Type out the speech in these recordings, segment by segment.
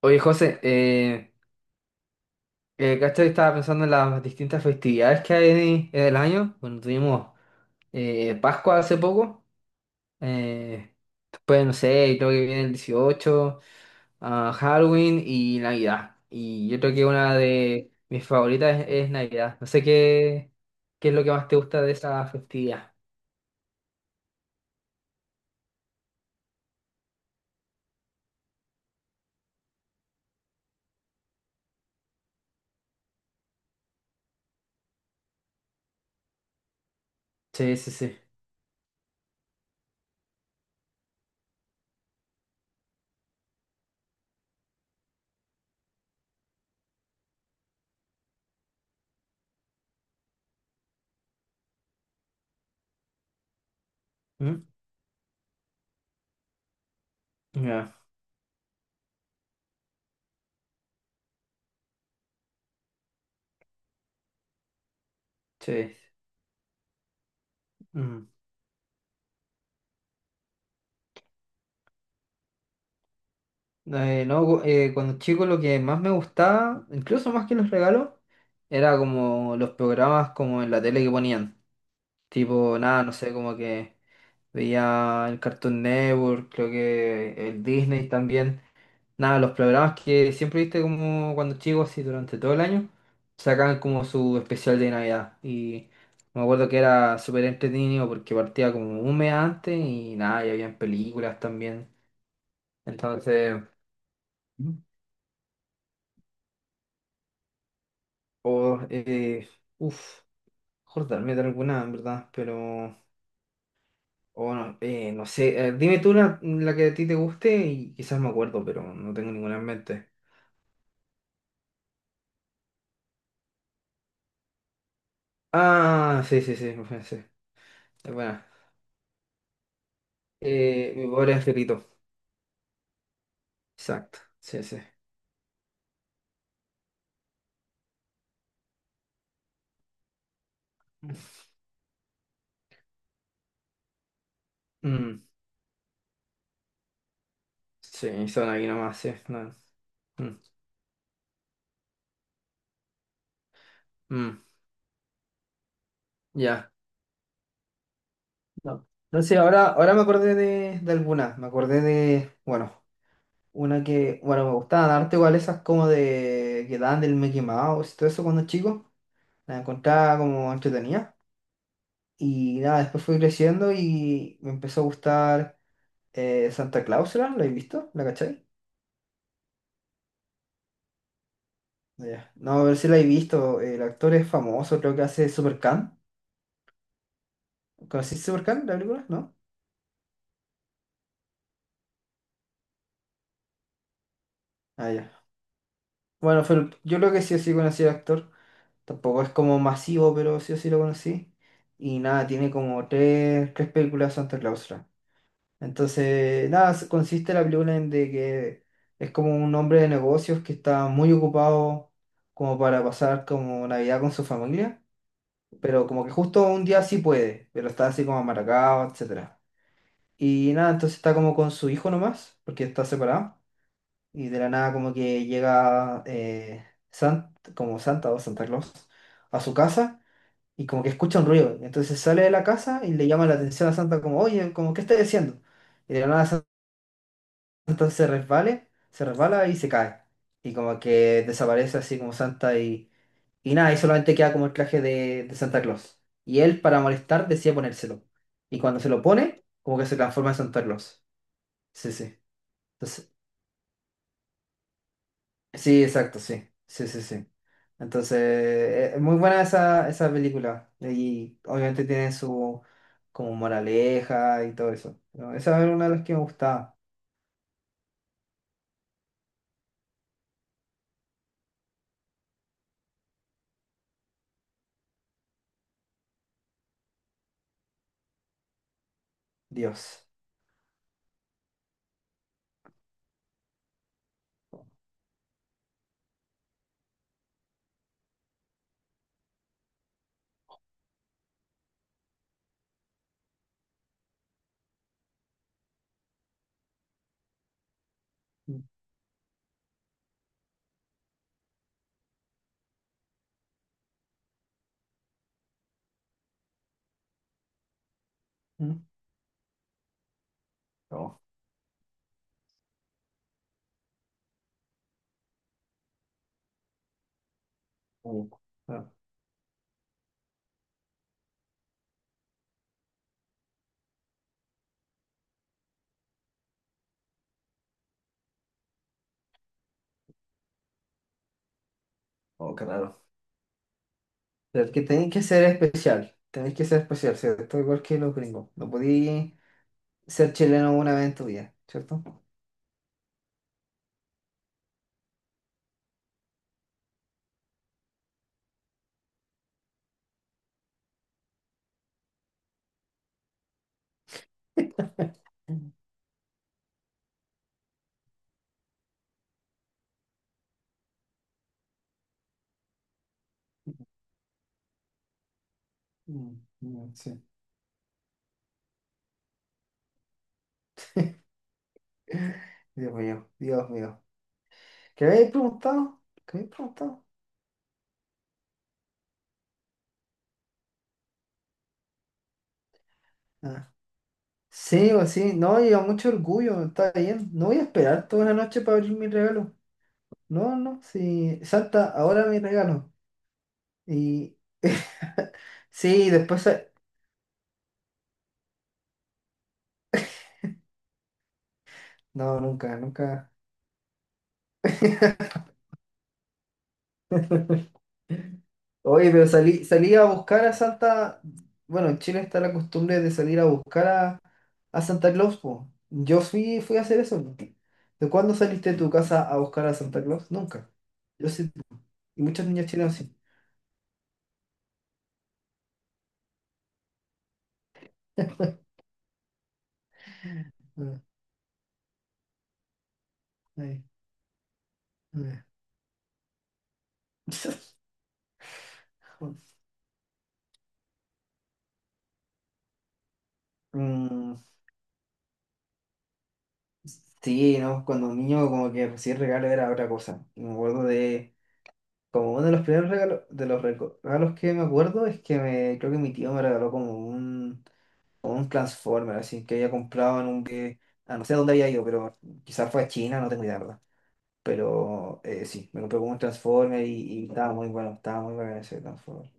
Oye, José, ¿cachai? Estaba pensando en las distintas festividades que hay en el año. Bueno, tuvimos Pascua hace poco. eh, Después, no sé, creo que viene el 18, ah, Halloween y Navidad. Y yo creo que una de mis favoritas es Navidad. No sé qué es lo que más te gusta de esa festividad. Sí, sí, sí. ¿Mm? Ya, sí. Mm. No, cuando chico lo que más me gustaba, incluso más que los regalos, era como los programas como en la tele que ponían. Tipo, nada, no sé, como que veía el Cartoon Network, creo que el Disney también. Nada, los programas que siempre viste como cuando chico, así durante todo el año, sacaban como su especial de Navidad. Y me acuerdo que era súper entretenido porque partía como un mes antes y nada, y habían películas también. Entonces. O, uff, acordarme de alguna, en verdad, pero, o no, no sé, dime tú la que a ti te guste y quizás me acuerdo, pero no tengo ninguna en mente. Ah, sí, sí, sí, me pensé. Es buena. Mi pobre angelito. Exacto, sí, sí. Mm, sí, son aquí nomás, sí. No, mm, mm, ya. No. Entonces, ahora me acordé de alguna, me acordé de, bueno. Una que, bueno, me gustaban harto igual esas como de que daban del Mickey Mouse y todo eso cuando chico. La encontraba como entretenida. Y nada, después fui creciendo y me empezó a gustar Santa Claus. ¿La he visto? ¿La cachai? Ya. No, a ver si la he visto. El actor es famoso, creo que hace Supercan. ¿Conocís Supercan, la película? ¿No? Ah, ya. Bueno, fue yo creo que sí o sí conocí al actor. Tampoco es como masivo, pero sí o sí lo conocí. Y nada, tiene como tres películas de Santa Claus. Entonces, nada, consiste la película en de que es como un hombre de negocios que está muy ocupado como para pasar como Navidad con su familia, pero como que justo un día sí puede, pero está así como amargado, etcétera. Y nada, entonces está como con su hijo nomás, porque está separado, y de la nada como que llega como Santa o Santa Claus a su casa y como que escucha un ruido. Entonces sale de la casa y le llama la atención a Santa como, oye, como, ¿qué estás haciendo? Y de la nada entonces se resbala y se cae. Y como que desaparece así como Santa y nada, y solamente queda como el traje de Santa Claus. Y él, para molestar, decide ponérselo. Y cuando se lo pone, como que se transforma en Santa Claus. Sí, sí. Entonces, sí, exacto, sí. Sí, sí, sí. Entonces, es muy buena esa película. Y obviamente tiene su como moraleja y todo eso. Pero esa era una de las que me gustaba. Dios. Mm, mm. Oh, uh, ah, oh, qué raro. Pero que tenéis que ser especial, tenéis que ser especial, ¿cierto? Igual que los gringos. No podéis ser chileno una vez en tu vida, ¿cierto? Mm, mm, sí. Dios mío, Dios mío. ¿Qué habéis preguntado? ¿Qué habéis preguntado? Ah. Sí, o sí, no, lleva mucho orgullo, está bien. No voy a esperar toda la noche para abrir mi regalo. No, no, sí. Santa, ahora mi regalo. Y sí, después. No, nunca, nunca. Oye, pero salí a buscar a Santa. Bueno, en Chile está la costumbre de salir a buscar a Santa Claus, po. Yo fui a hacer eso, po. ¿De cuándo saliste de tu casa a buscar a Santa Claus? Nunca. Yo sí. Y muchas niñas chilenas sí. Ah, ay, ay. Mm, sí, ¿no? Cuando un niño como que recibir regalo era otra cosa. Y me acuerdo de, como uno de los primeros regalos, de los regalos que me acuerdo es que me, creo que mi tío me regaló como un, o un Transformer, así que había comprado en un que no sé dónde había ido, pero quizás fue a China, no tengo idea, ¿verdad? Pero sí, me compré como un Transformer y, estaba muy bueno ese Transformer.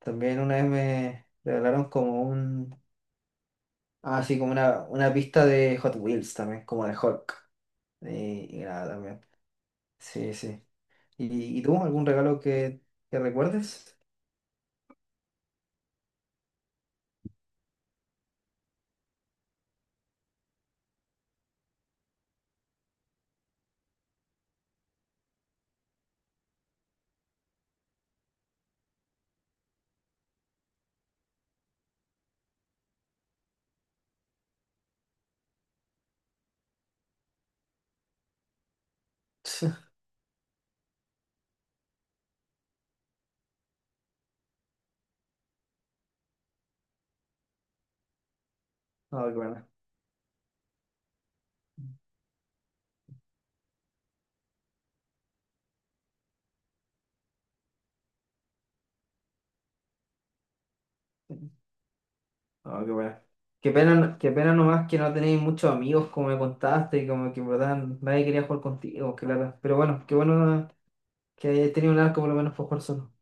También una vez me regalaron como un, ah, sí, como una pista de Hot Wheels también, como de Hulk. Y nada, también. Sí, sí. ¿Y tú algún regalo que recuerdes? Ah, qué bueno. No, qué buena. Qué pena, qué pena nomás que no tenéis muchos amigos, como me contaste, y como que en verdad nadie quería jugar contigo, claro. Pero bueno, qué bueno que hayas tenido un arco por lo menos para jugar solo.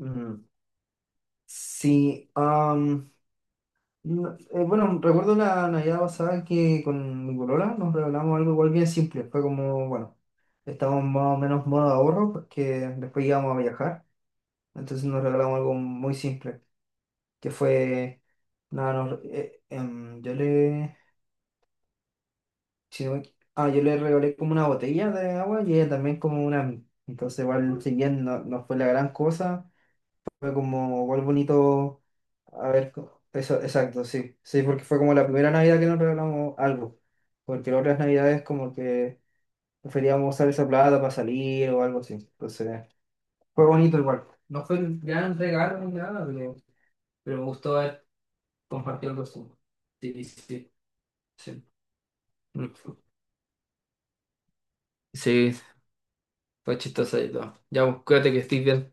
Mm. Sí, am, no- bueno, recuerdo la Navidad pasada que con mi polola nos regalamos algo igual bien simple. Fue como, bueno, estábamos más o menos modo ahorro porque después íbamos a viajar. Entonces nos regalamos algo muy simple, que fue, nada, si no me equi- ah, yo le regalé como una botella de agua y ella también como una a mí. Entonces, igual, si bien no fue la gran cosa, fue como igual bonito. A ver, eso, exacto, sí. Sí, porque fue como la primera Navidad que nos regalamos algo. Porque las otras Navidades, como que preferíamos usar esa plata para salir o algo así. Entonces, fue bonito igual. No fue el gran regalo ni nada, pero me gustó haber compartido algo así. Sí, sí, sí. Sí. Fue chistoso y todo. Ya, pues, cuídate que estés bien.